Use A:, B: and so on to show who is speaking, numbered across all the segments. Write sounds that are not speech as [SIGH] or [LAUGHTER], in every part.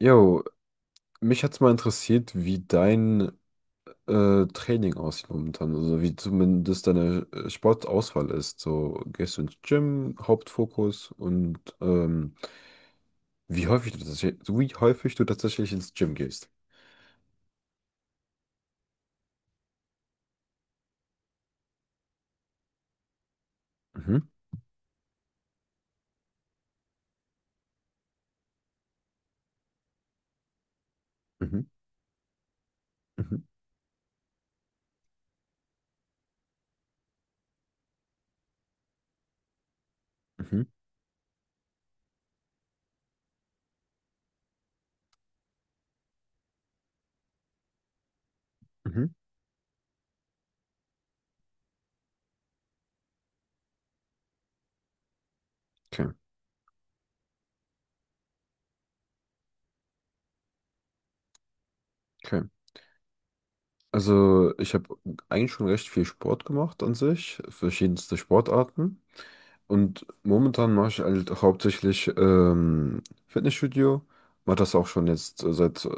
A: Jo, mich hat's mal interessiert, wie dein Training aussieht momentan, also wie zumindest deine Sportauswahl ist. So, gehst du ins Gym, Hauptfokus, und wie häufig du tatsächlich, so wie häufig du tatsächlich ins Gym gehst. Mhm, mhm, mhm, mhm, mhm. Okay, okay. Also ich habe eigentlich schon recht viel Sport gemacht an sich, verschiedenste Sportarten. Und momentan mache ich halt hauptsächlich Fitnessstudio. Mache das auch schon jetzt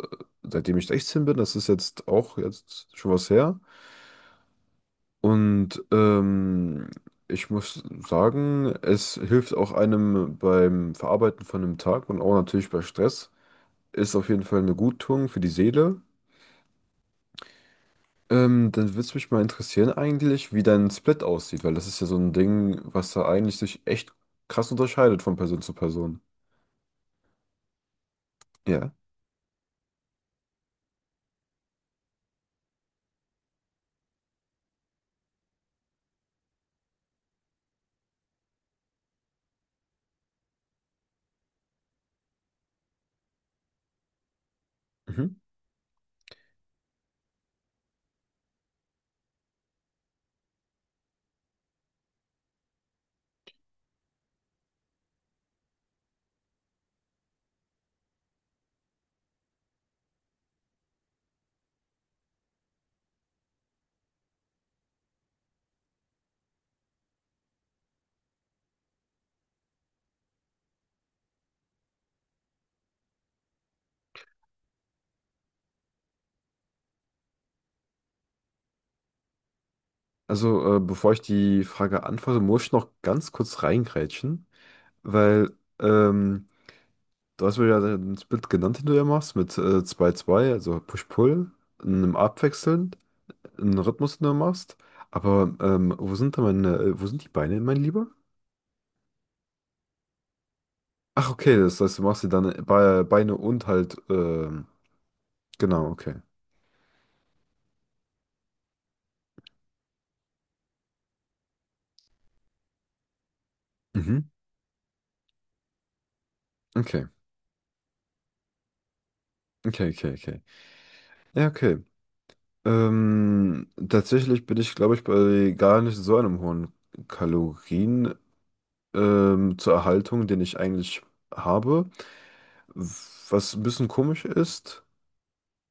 A: seitdem ich 16 bin. Das ist jetzt auch jetzt schon was her. Und ich muss sagen, es hilft auch einem beim Verarbeiten von einem Tag und auch natürlich bei Stress. Ist auf jeden Fall eine Guttung für die Seele. Dann würde es mich mal interessieren eigentlich, wie dein Split aussieht, weil das ist ja so ein Ding, was da eigentlich sich echt krass unterscheidet von Person zu Person. Ja. Also, bevor ich die Frage antworte, muss ich noch ganz kurz reingrätschen, weil ähm, du hast mir ja den Split genannt, den du ja machst, mit 2, also Push-Pull, einem Abwechseln, einen Rhythmus, den du machst. Aber wo sind wo sind die Beine, mein Lieber? Ach, okay, das heißt, du machst sie dann Be Beine und halt, genau, okay. Mhm. Okay, okay, okay, okay. Ja, okay. Tatsächlich bin ich, glaube ich, bei gar nicht so einem hohen Kalorien. Zur Erhaltung, den ich eigentlich habe. Was ein bisschen komisch ist,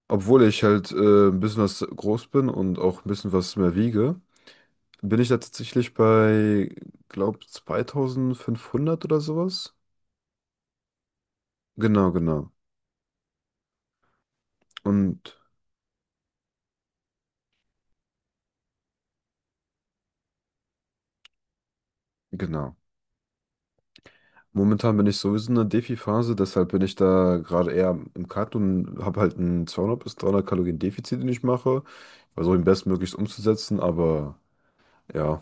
A: obwohl ich halt ein bisschen was groß bin und auch ein bisschen was mehr wiege, bin ich da tatsächlich bei, glaub, 2.500 oder sowas. Genau, genau. Und genau. Momentan bin ich sowieso in der Defi-Phase, deshalb bin ich da gerade eher im Cut und habe halt ein 200 bis 300 Kalorien Defizit, den ich mache. Versuche ihn bestmöglichst umzusetzen, aber ja,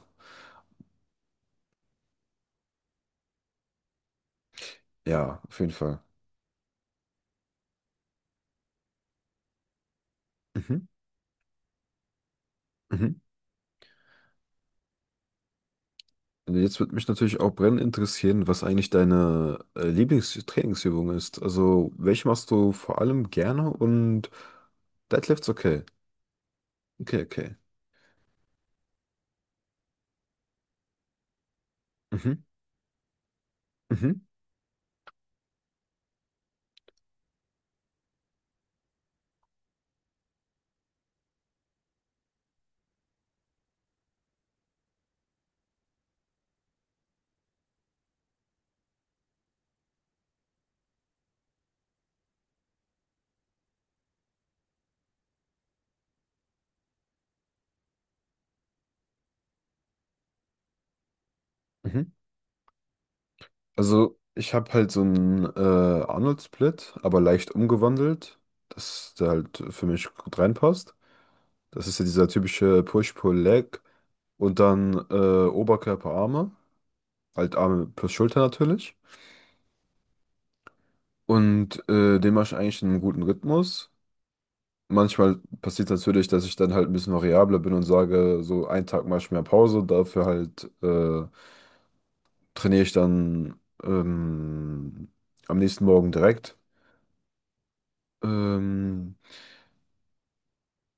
A: ja, auf jeden Fall. Mhm. Mhm. Jetzt würde mich natürlich auch brennend interessieren, was eigentlich deine Lieblingstrainingsübung ist. Also, welche machst du vor allem gerne, und Deadlifts, okay. Okay, okay. Mhm. Mhm. Mhm. Also, ich habe halt so einen Arnold-Split, aber leicht umgewandelt, dass der halt für mich gut reinpasst. Das ist ja dieser typische Push-Pull-Leg und dann Oberkörper, Arme, halt Arme plus Schulter natürlich. Und den mache ich eigentlich in einem guten Rhythmus. Manchmal passiert natürlich, dass ich dann halt ein bisschen variabler bin und sage, so einen Tag mache ich mehr Pause, dafür halt trainiere ich dann am nächsten Morgen direkt. Ähm,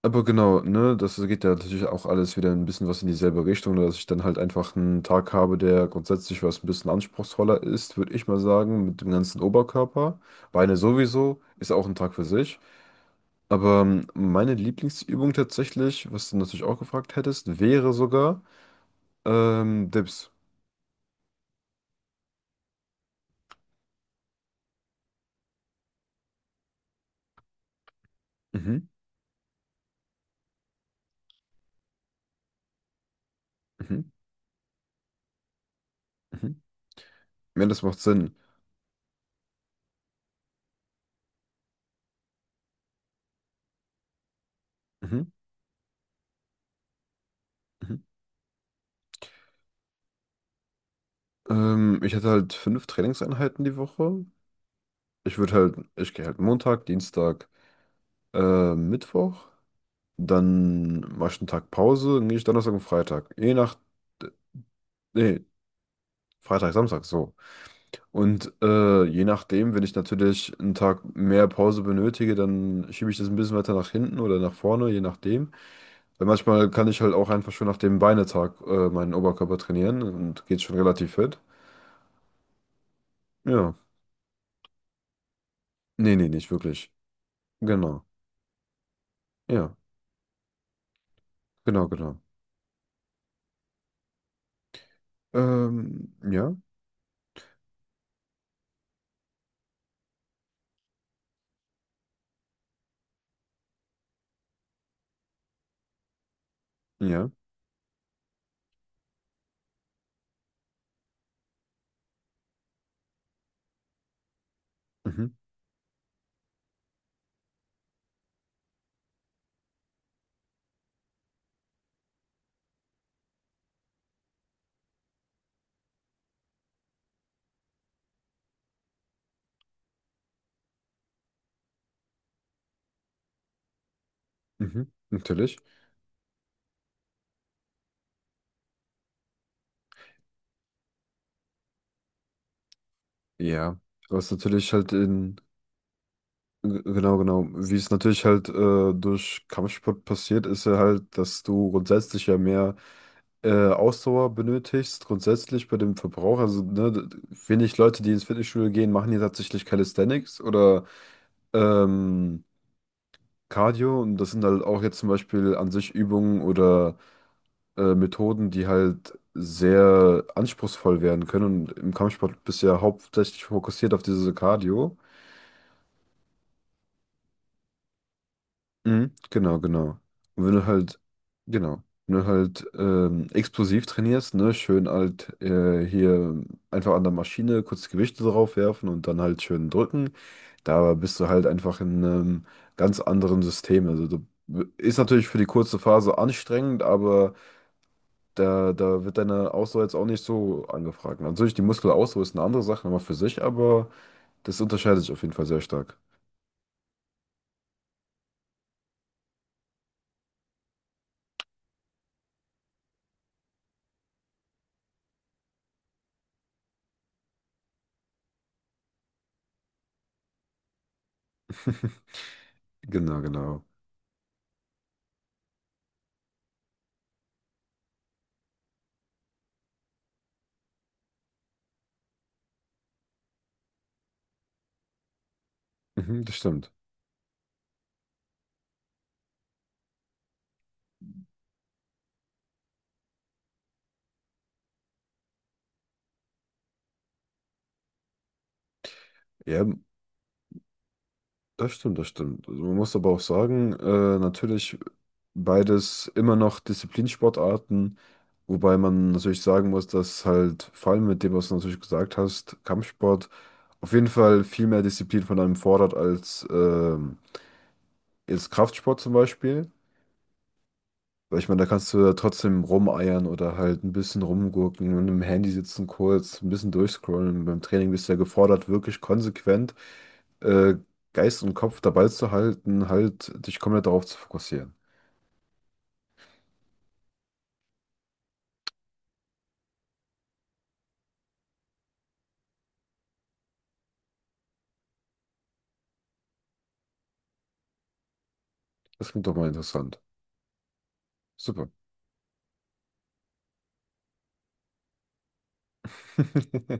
A: aber genau, ne, das geht ja natürlich auch alles wieder ein bisschen was in dieselbe Richtung, dass ich dann halt einfach einen Tag habe, der grundsätzlich was ein bisschen anspruchsvoller ist, würde ich mal sagen, mit dem ganzen Oberkörper. Beine sowieso, ist auch ein Tag für sich. Aber meine Lieblingsübung tatsächlich, was du natürlich auch gefragt hättest, wäre sogar Dips. Mhm, mhm, mhm. Ja, das macht Sinn. Mhm, mhm. Ich hätte halt 5 Trainingseinheiten die Woche. Ich würde halt, ich gehe halt Montag, Dienstag, Mittwoch. Dann mache ich einen Tag Pause, dann gehe ich Donnerstag und Freitag. Je nach, nee, Freitag, Samstag, so. Und je nachdem, wenn ich natürlich einen Tag mehr Pause benötige, dann schiebe ich das ein bisschen weiter nach hinten oder nach vorne, je nachdem. Weil manchmal kann ich halt auch einfach schon nach dem Beinetag meinen Oberkörper trainieren und geht schon relativ fit. Ja. Nee, nee, nicht wirklich. Genau. Ja, genau, genau. Ja, ja. Mhm, mhm, natürlich. Ja. Was natürlich halt in, g- Genau, genau, wie es natürlich halt durch Kampfsport passiert, ist ja halt, dass du grundsätzlich ja mehr Ausdauer benötigst, grundsätzlich bei dem Verbrauch. Also, ne, wenig Leute, die ins Fitnessstudio gehen, machen ja tatsächlich Calisthenics oder ähm, Cardio, und das sind halt auch jetzt zum Beispiel an sich Übungen oder Methoden, die halt sehr anspruchsvoll werden können, und im Kampfsport bist du ja hauptsächlich fokussiert auf diese Cardio. Mhm. Genau, genau. Und genau, wenn du halt explosiv trainierst, ne, schön halt hier einfach an der Maschine kurz Gewichte drauf werfen und dann halt schön drücken. Da bist du halt einfach in einem ganz anderen System. Also du ist natürlich für die kurze Phase anstrengend, aber da wird deine Ausdauer jetzt auch nicht so angefragt. Natürlich, die Muskelausdauer ist eine andere Sache nochmal für sich, aber das unterscheidet sich auf jeden Fall sehr stark. [LAUGHS] Genau, genau. Mhm, das stimmt. Ja, das stimmt, das stimmt. Also man muss aber auch sagen, natürlich beides immer noch Disziplinsportarten, wobei man natürlich sagen muss, dass halt vor allem mit dem, was du natürlich gesagt hast, Kampfsport auf jeden Fall viel mehr Disziplin von einem fordert als jetzt Kraftsport zum Beispiel. Weil ich meine, da kannst du ja trotzdem rumeiern oder halt ein bisschen rumgurken und im Handy sitzen kurz, ein bisschen durchscrollen. Beim Training bist du ja gefordert, wirklich konsequent äh, Geist und Kopf dabei zu halten, halt dich komplett darauf zu fokussieren. Das klingt doch mal interessant. Super. [LAUGHS]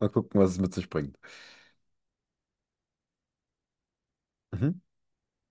A: Mal gucken, was es mit sich bringt. Mhm.